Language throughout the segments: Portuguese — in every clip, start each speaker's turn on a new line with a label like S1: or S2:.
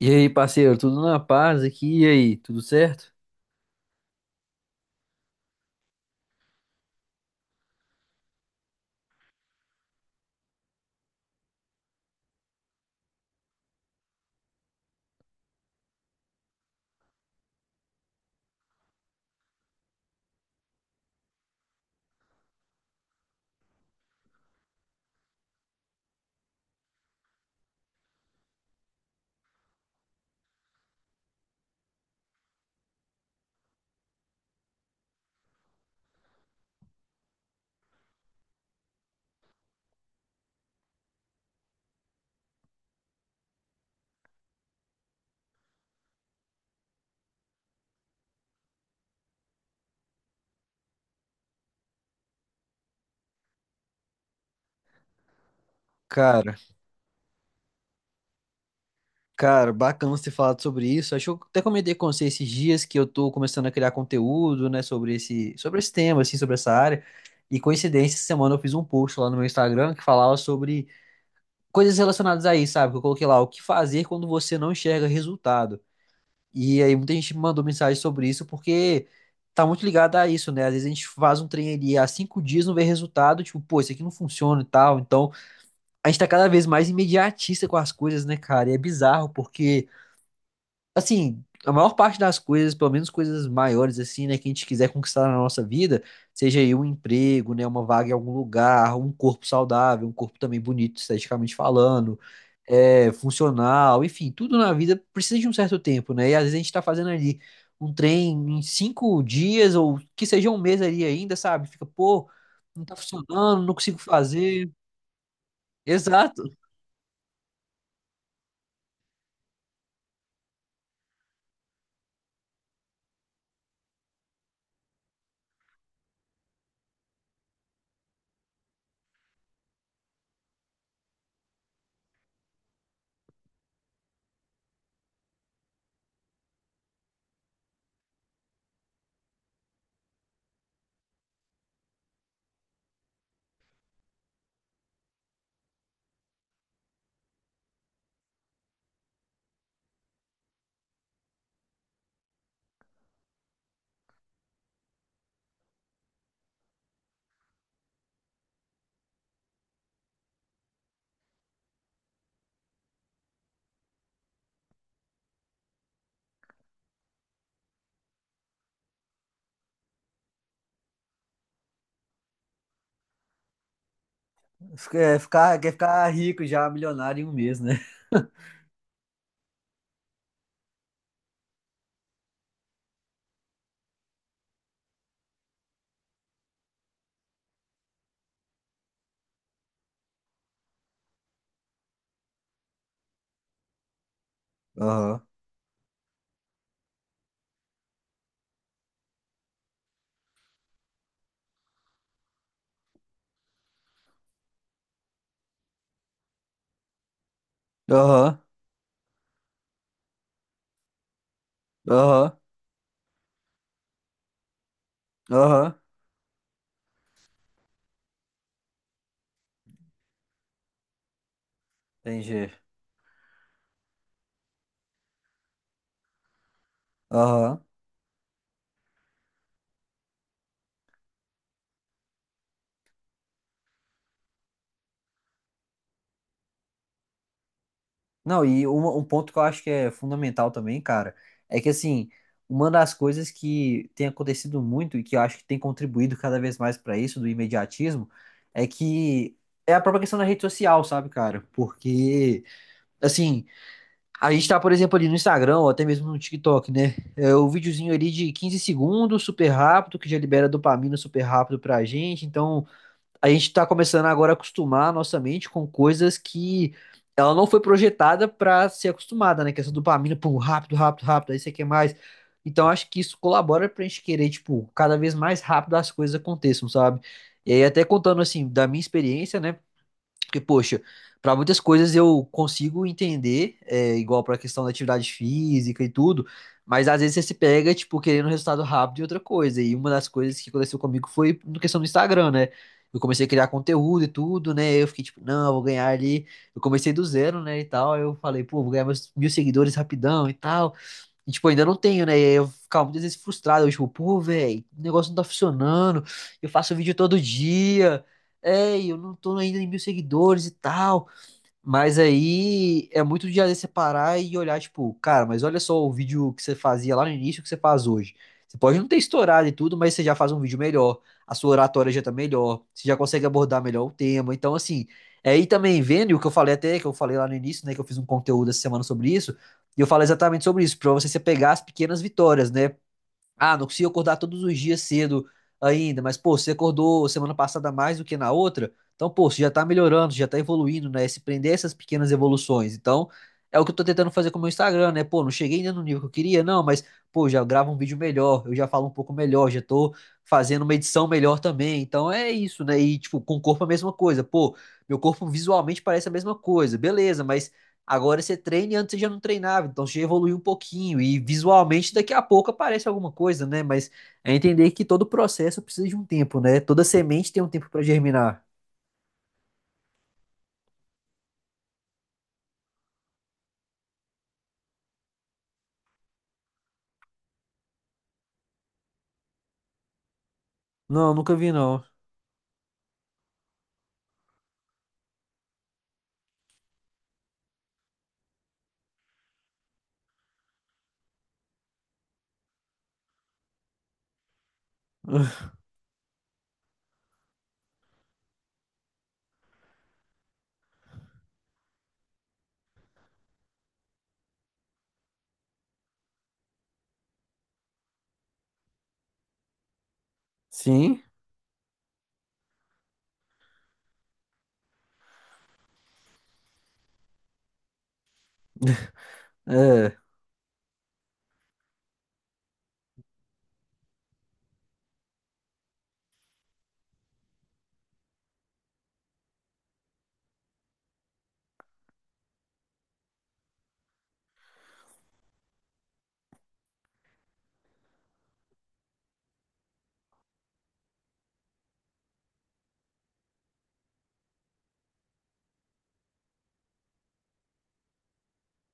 S1: E aí, parceiro, tudo na paz aqui? E aí, tudo certo? Cara, cara, bacana você falar sobre isso. Acho que eu até comentei com você esses dias que eu tô começando a criar conteúdo, né, sobre esse tema, assim, sobre essa área. E coincidência, essa semana eu fiz um post lá no meu Instagram que falava sobre coisas relacionadas a isso, sabe? Que eu coloquei lá o que fazer quando você não enxerga resultado. E aí muita gente me mandou mensagem sobre isso porque tá muito ligado a isso, né? Às vezes a gente faz um trem ali há 5 dias, não vê resultado, tipo, pô, isso aqui não funciona e tal. Então a gente tá cada vez mais imediatista com as coisas, né, cara? E é bizarro, porque, assim, a maior parte das coisas, pelo menos coisas maiores, assim, né, que a gente quiser conquistar na nossa vida, seja aí um emprego, né, uma vaga em algum lugar, um corpo saudável, um corpo também bonito, esteticamente falando, funcional, enfim, tudo na vida precisa de um certo tempo, né? E às vezes a gente tá fazendo ali um trem em 5 dias, ou que seja 1 mês ali ainda, sabe? Fica, pô, não tá funcionando, não consigo fazer. Exato. Quer ficar rico já, milionário em 1 mês, né? Aham. Aham. Aham. Aham. Entendi. Aham. Não, e um ponto que eu acho que é fundamental também, cara, é que assim, uma das coisas que tem acontecido muito e que eu acho que tem contribuído cada vez mais pra isso, do imediatismo, é que é a própria questão da rede social, sabe, cara? Porque, assim, a gente tá, por exemplo, ali no Instagram, ou até mesmo no TikTok, né? É o videozinho ali de 15 segundos, super rápido, que já libera dopamina super rápido pra gente. Então, a gente tá começando agora a acostumar a nossa mente com coisas que ela não foi projetada pra ser acostumada, né? Que é essa dopamina, pum, rápido, rápido, rápido, aí você quer mais. Então, acho que isso colabora pra gente querer, tipo, cada vez mais rápido as coisas aconteçam, sabe? E aí, até contando, assim, da minha experiência, né? Porque, poxa, para muitas coisas eu consigo entender, igual para a questão da atividade física e tudo, mas às vezes você se pega, tipo, querendo um resultado rápido e outra coisa. E uma das coisas que aconteceu comigo foi na questão do Instagram, né? Eu comecei a criar conteúdo e tudo, né? Eu fiquei tipo, não, eu vou ganhar ali. Eu comecei do zero, né? E tal. Aí eu falei, pô, vou ganhar meus 1.000 seguidores rapidão e tal. E, tipo, ainda não tenho, né? E aí eu ficava muitas vezes frustrado. Eu, tipo, pô, velho, o negócio não tá funcionando. Eu faço vídeo todo dia. É, e eu não tô ainda em 1.000 seguidores e tal. Mas aí é muito de às vezes, separar e olhar, tipo, cara, mas olha só o vídeo que você fazia lá no início que você faz hoje. Você pode não ter estourado e tudo, mas você já faz um vídeo melhor, a sua oratória já tá melhor, você já consegue abordar melhor o tema. Então, assim, é aí também vendo e o que eu falei até, que eu falei lá no início, né, que eu fiz um conteúdo essa semana sobre isso, e eu falo exatamente sobre isso, pra você se pegar as pequenas vitórias, né? Ah, não consigo acordar todos os dias cedo ainda, mas, pô, você acordou semana passada mais do que na outra, então, pô, você já tá melhorando, você já tá evoluindo, né? Se prender a essas pequenas evoluções. Então, é o que eu tô tentando fazer com o meu Instagram, né? Pô, não cheguei ainda no nível que eu queria, não, mas, pô, já gravo um vídeo melhor, eu já falo um pouco melhor, já tô fazendo uma edição melhor também. Então, é isso, né? E, tipo, com o corpo a mesma coisa. Pô, meu corpo visualmente parece a mesma coisa, beleza, mas agora você treina e antes você já não treinava, então você já evoluiu um pouquinho e visualmente daqui a pouco aparece alguma coisa, né? Mas é entender que todo processo precisa de um tempo, né? Toda semente tem um tempo pra germinar. Não, nunca vi não. Sim? É.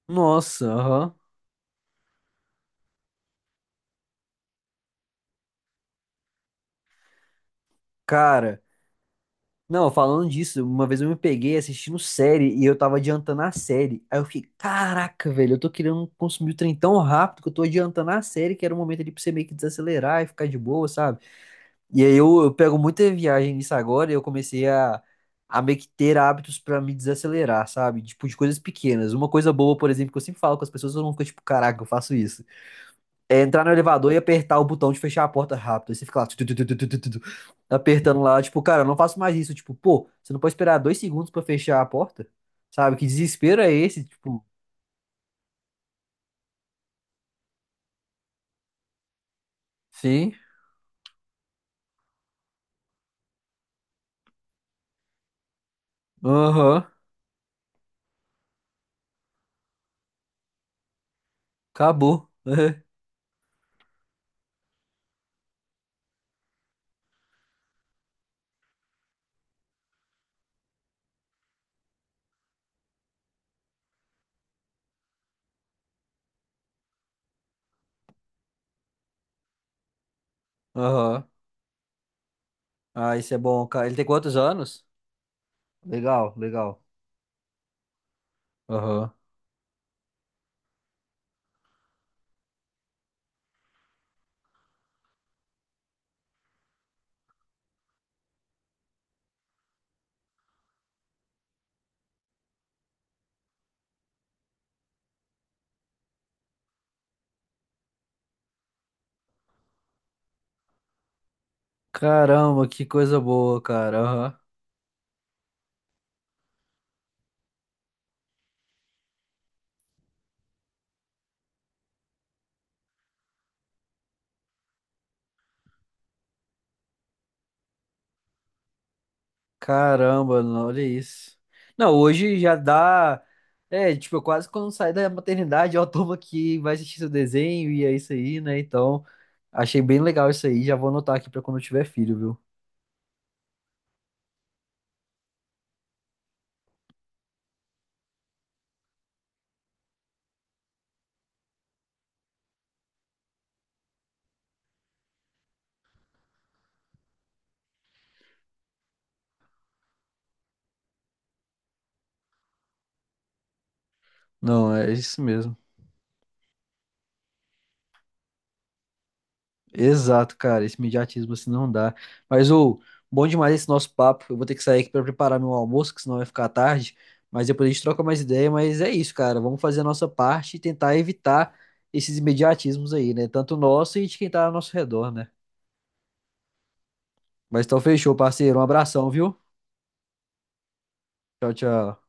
S1: Nossa, aham. Cara, não, falando disso, uma vez eu me peguei assistindo série e eu tava adiantando a série. Aí eu fiquei, caraca, velho, eu tô querendo consumir o trem tão rápido que eu tô adiantando a série, que era o momento ali pra você meio que desacelerar e ficar de boa, sabe? E aí eu pego muita viagem nisso agora e eu comecei a meio que ter hábitos pra me desacelerar, sabe? Tipo, de coisas pequenas. Uma coisa boa, por exemplo, que eu sempre falo com as pessoas, eu não fico tipo, caraca, eu faço isso. É entrar no elevador e apertar o botão de fechar a porta rápido. Aí você fica lá, tu, tu, tu, tu, tu, tu, tu, tu, apertando lá, tipo, cara, eu não faço mais isso. Tipo, pô, você não pode esperar 2 segundos pra fechar a porta? Sabe? Que desespero é esse? Tipo, sim, aham, acabou. Aham. Ah, isso é bom, cara. Ele tem quantos anos? Legal, legal. Aham. Caramba, que coisa boa, cara. Aham. Caramba, não, olha isso. Não, hoje já dá. É, tipo, eu quase quando saio da maternidade, eu tomo aqui, vai assistir seu desenho e é isso aí, né? Então, achei bem legal isso aí. Já vou anotar aqui pra quando eu tiver filho, viu? Não, é isso mesmo. Exato, cara, esse imediatismo assim não dá. Mas ô, bom demais esse nosso papo. Eu vou ter que sair aqui pra preparar meu almoço, que senão vai ficar tarde. Mas depois a gente troca mais ideia. Mas é isso, cara. Vamos fazer a nossa parte e tentar evitar esses imediatismos aí, né? Tanto nosso e de quem tá ao nosso redor, né? Mas então fechou, parceiro. Um abração, viu? Tchau, tchau.